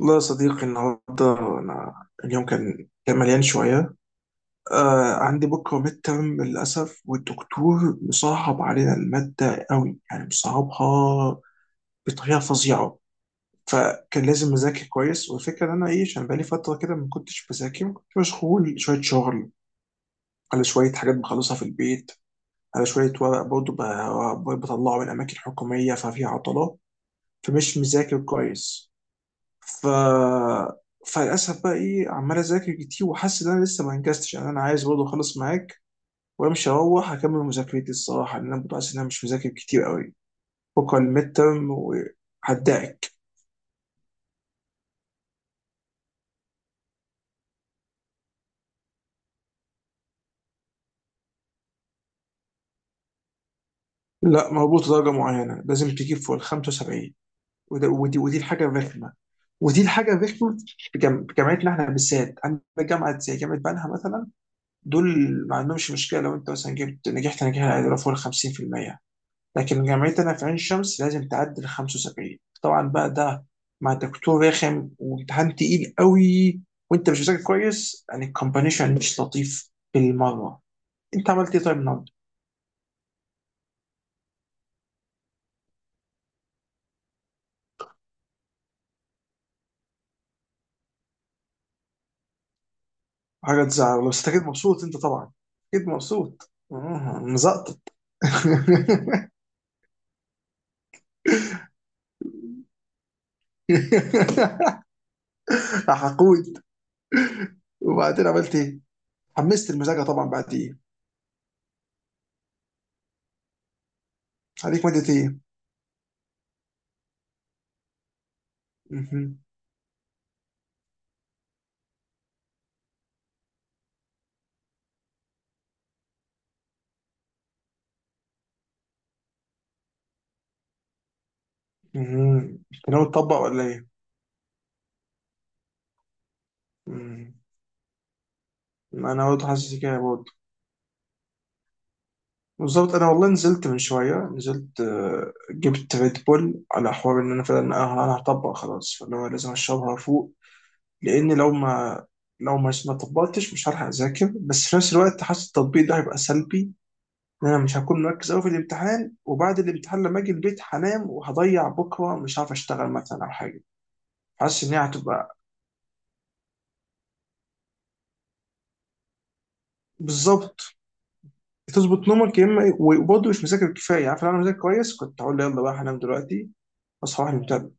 والله يا صديقي النهارده انا اليوم كان مليان شويه. عندي بكره ميد ترم للاسف، والدكتور مصعب علينا الماده قوي، يعني مصعبها بطريقه فظيعه. فكان لازم اذاكر كويس، والفكره ان انا عشان بقالي فتره كده ما كنتش بذاكر، كنت مشغول شويه شغل على شويه حاجات بخلصها في البيت، على شويه ورق برضه بطلعه من اماكن حكوميه، ففي عطله فمش مذاكر كويس. ف فللاسف بقى عمال اذاكر كتير وحاسس ان انا لسه ما انجزتش. يعني انا عايز برضه اخلص معاك وامشي اروح اكمل مذاكرتي الصراحه، لان انا برضه حاسس ان انا مش مذاكر كتير قوي. بكره الميد ترم وهدعك. لا، مربوط درجه معينه، لازم تجيب فوق ال 75. وده ودي ودي الحاجه الرخمه. ودي الحاجه الرخمه في جامعتنا احنا بالذات، عندنا جامعه زي جامعه بنها مثلا، دول ما عندهمش مشكله لو انت مثلا جبت نجحت نجاح العيله فوق ال 50%. لكن جامعتنا في عين شمس لازم تعدي ال 75. طبعا بقى ده مع دكتور رخم وامتحان تقيل قوي، وانت مش مذاكر كويس، يعني الكومبانيشن مش لطيف بالمره. انت عملت ايه طيب النهارده؟ حاجه تزعل، بس انت اكيد مبسوط انت طبعا. اكيد مبسوط، مزقطط. حقود. وبعدين عملت ايه؟ حمست المذاكره طبعا بعد ايه؟ عليك ماده ايه؟ مهم. مهم. انت ناوي تطبق ولا ايه؟ مم. انا برضه حاسس كده برضه. بالظبط، انا والله نزلت من شويه، نزلت جبت ريد بول على حوار ان انا فعلا أنا هطبق خلاص، فاللي هو لازم اشربها فوق. لان لو ما طبقتش مش هلحق اذاكر، بس في نفس الوقت حاسس التطبيق ده هيبقى سلبي. ان انا مش هكون مركز قوي في الامتحان، وبعد الامتحان لما اجي البيت هنام وهضيع بكره، مش عارف اشتغل مثلا او حاجه. حاسس ان هي هتبقى. بالظبط. تظبط نومك يا اما وبرضه مش مذاكر كفايه. عارف لو انا مذاكر كويس كنت هقول يلا بقى هنام دلوقتي، اصحى واحد متعب.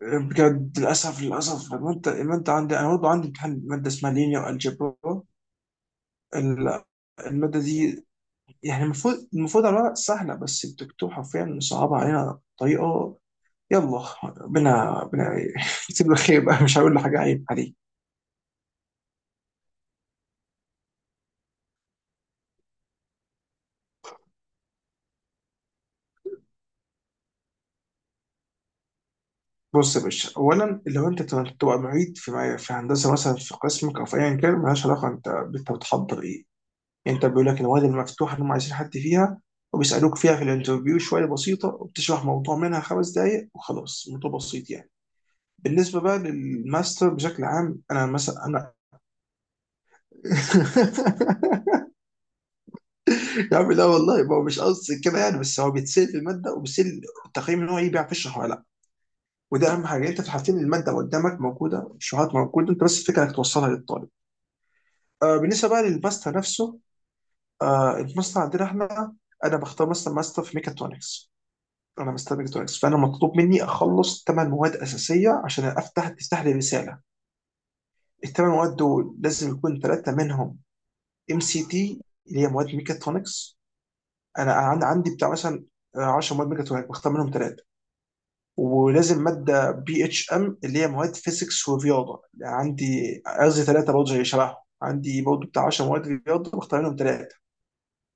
بجد للاسف. الماده عندي، انا برضه عندي امتحان ماده اسمها لينير الجبرا. الماده دي يعني المفروض، على الورق سهله، بس الدكتور حرفيا صعبها علينا بطريقه. يلا ربنا ربنا يسيب له خير بقى، مش هقول له حاجه عيب عليه. بص يا باشا، اولا لو انت تبقى معيد في هندسه مثلا في قسمك او في ايا كان، مالهاش علاقه انت بتحضر ايه. انت بيقول لك النوادي المفتوحه اللي هم عايزين حد فيها، وبيسالوك فيها في الانترفيو شويه بسيطه، وبتشرح موضوع منها خمس دقائق وخلاص، موضوع بسيط يعني. بالنسبه بقى للماستر بشكل عام، انا مثلا. يا عم لا والله، ما هو مش قصدي كده يعني، بس هو بيتسال في الماده وبيتسال التقييم ان هو ايه، بيعرف يشرح ولا لا. وده اهم حاجه، انت في الحالتين الماده قدامك موجوده، الشروحات موجوده، انت بس الفكره انك توصلها للطالب. آه، بالنسبه بقى للماستر نفسه، آه الماستر عندنا احنا انا بختار مثلا ماستر في ميكاترونكس. انا مستني تونكس، فانا مطلوب مني اخلص ثمان مواد اساسيه عشان تفتح لي رساله. الثمان مواد دول لازم يكون ثلاثه منهم ام سي تي، اللي هي مواد ميكاترونكس. انا عندي بتاع مثلا 10 مواد ميكاترونكس، بختار منهم ثلاثه. ولازم ماده بي اتش ام، اللي هي مواد فيزيكس ورياضه، عندي قصدي ثلاثه برضه زي شبههم. عندي برضه بتاع 10 مواد رياضه بختار منهم ثلاثه.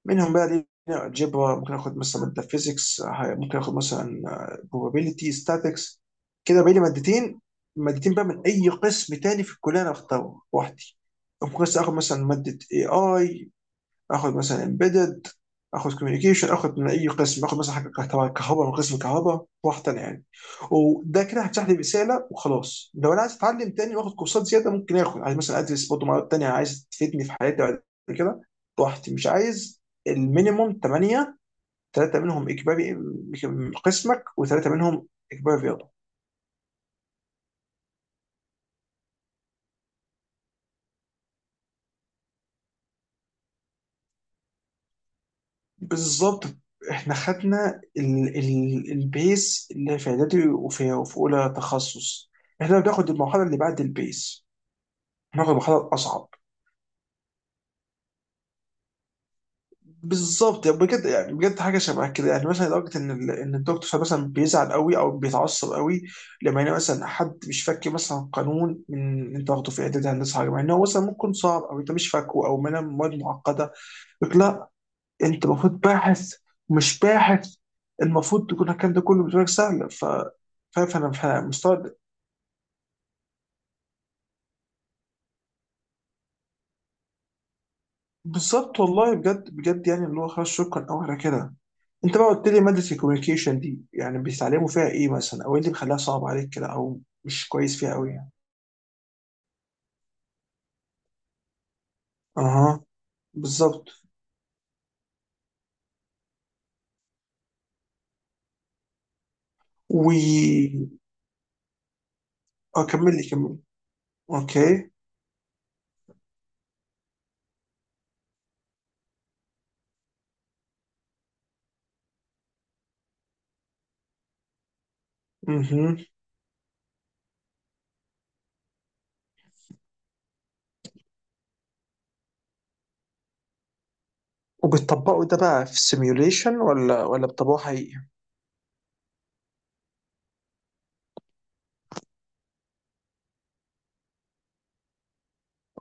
منهم بقى دي الجبر، ممكن اخد مثلا ماده فيزيكس، ممكن اخد مثلا probability statics. كده بقى لي مادتين. مادتين بقى من اي قسم تاني في الكليه انا اختاره لوحدي. ممكن بس اخد مثلا ماده اي، اخد مثلا امبيدد، اخد كوميونيكيشن، اخد من اي قسم، اخد مثلا حاجه كهرباء، كهرباء من قسم كهرباء واحده يعني. وده كده هيفتح لي رساله وخلاص. لو انا عايز اتعلم تاني واخد كورسات زياده ممكن اخد، عايز مثلا ادرس برضه مواد تانيه عايز تفيدني في حياتي بعد كده، براحتي مش عايز. المينيموم 8، ثلاثه منهم اجباري من قسمك، وثلاثه منهم اجباري رياضه. بالظبط، احنا خدنا ال البيس اللي في اعدادي وفي اولى تخصص. احنا بناخد المرحله اللي بعد البيس، بناخد المرحله الاصعب. بالظبط يعني، بجد يعني بجد حاجه شبه كده يعني، مثلا لدرجه ان ان الدكتور مثلا بيزعل قوي او بيتعصب قوي لما يلاقي مثلا حد مش فاكر مثلا قانون من انت واخده في اعدادي هندسه حاجه، مع ان هو مثلا ممكن صعب، او انت مش فاكره، او منها مواد معقده. انت المفروض باحث، ومش باحث المفروض تكون الكلام ده كله بالنسبه لك سهل. فاهم، فأنا مستغرب. بالظبط والله، بجد بجد، يعني اللي هو خلاص شكرا او على كده. انت بقى قلت لي ماده الكوميونيكيشن دي، يعني بيتعلموا فيها ايه مثلا، او ايه اللي بيخليها صعب عليك كده، او مش كويس فيها قوي يعني. اها. بالظبط. و اه كمل لي كمل. اوكي. اها. وبتطبقوا ده بقى في سيميوليشن ولا بتطبقوه حقيقي؟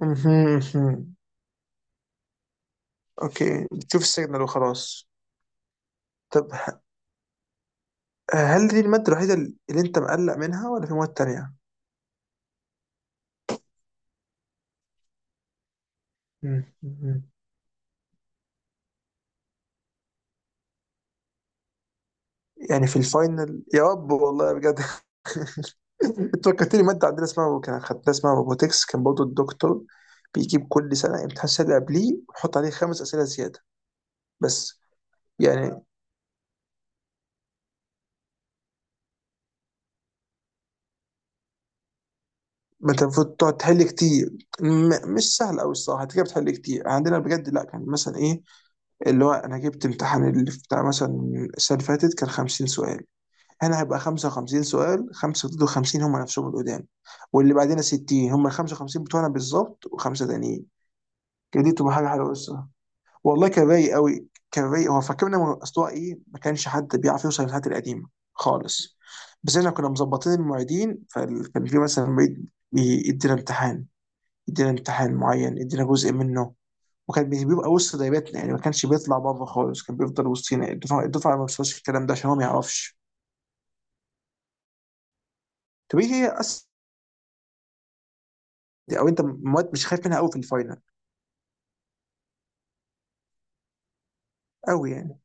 اها اها. اوكي، بتشوف السيجنال وخلاص. طب، هل دي المادة الوحيدة اللي أنت مقلق منها ولا في مواد تانية؟ مم. مم. يعني في الفاينل، يا رب والله بجد. أنت فكرتني مادة عندنا اسمها، كان خدتها اسمها روبوتكس، كان برضه الدكتور بيجيب كل سنة امتحان السنة اللي قبليه ويحط عليه خمس أسئلة زيادة بس يعني. ما أنت المفروض تقعد تحل كتير. مش سهل أوي الصراحة، أنت كده بتحل كتير. عندنا بجد لا، كان مثلا إيه، اللي هو أنا جبت امتحان اللي بتاع مثلا السنة اللي فاتت كان 50 سؤال، هنا هيبقى 55 سؤال، 5 ضد 50 هم نفسهم القدام. واللي بعدنا 60 هم ال 55 بتوعنا بالظبط وخمسه تانيين. كانت دي تبقى حاجه حلوه الصراحه. والله كان رايق قوي، كان رايق، هو فاكرنا من اصلها ايه، ما كانش حد بيعرف يوصل للحاجات القديمه خالص. بس احنا كنا مظبطين المواعيدين، فكان في مثلا معيد يدينا امتحان، يدينا امتحان معين، يدينا جزء منه، وكان بيبقى وسط دايرتنا يعني، ما كانش بيطلع بره خالص، كان بيفضل وسطينا الدفعه. الدفعه ما بتوصلش الكلام ده عشان هو ما يعرفش. طب ايه هي او انت مواد مش خايف منها قوي في الفاينل؟ قوي يعني.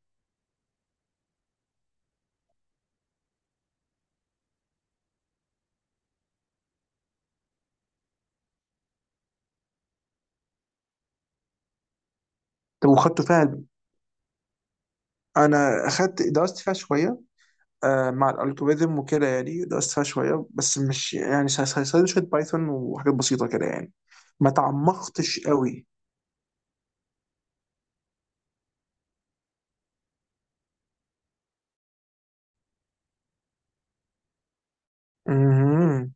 طب وخدته فيها، انا درست فيها شويه مع الالجوريزم وكده، يعني درست فيها شويه بس مش يعني، شويه بايثون وحاجات بسيطه كده يعني. ما تعمقتش قوي. مهم.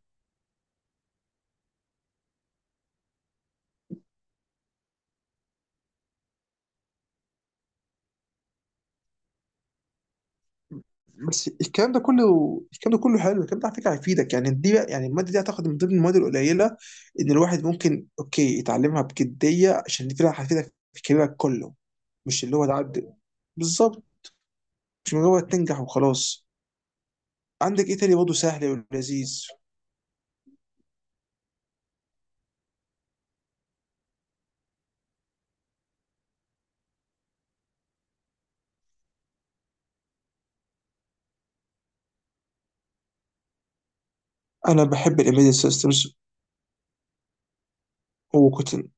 بس الكلام ده كله، الكلام ده كله حلو، الكلام ده على فكره هيفيدك يعني. دي بقى، يعني الماده دي هتاخد من ضمن المواد القليله ان الواحد ممكن اوكي يتعلمها بجديه، عشان دي فعلا هتفيدك في كاريرك كله. مش اللي هو تعدي، بالظبط، مش مجرد تنجح وخلاص. عندك ايه تاني برضه سهل ولذيذ؟ انا بحب الامبيدد سيستمز وكوتن.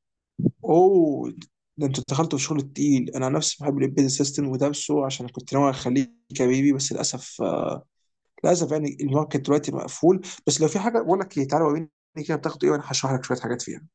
اوه، ده انت دخلت في الشغل التقيل. انا عن نفسي بحب الامبيدد سيستم ودرسه، عشان كنت ناوي اخليه كبيبي، بس للاسف للاسف يعني الماركت دلوقتي مقفول. بس لو في حاجه بقول لك تعالى وريني كده بتاخد ايه، وانا هشرح لك شويه حاجات فيها.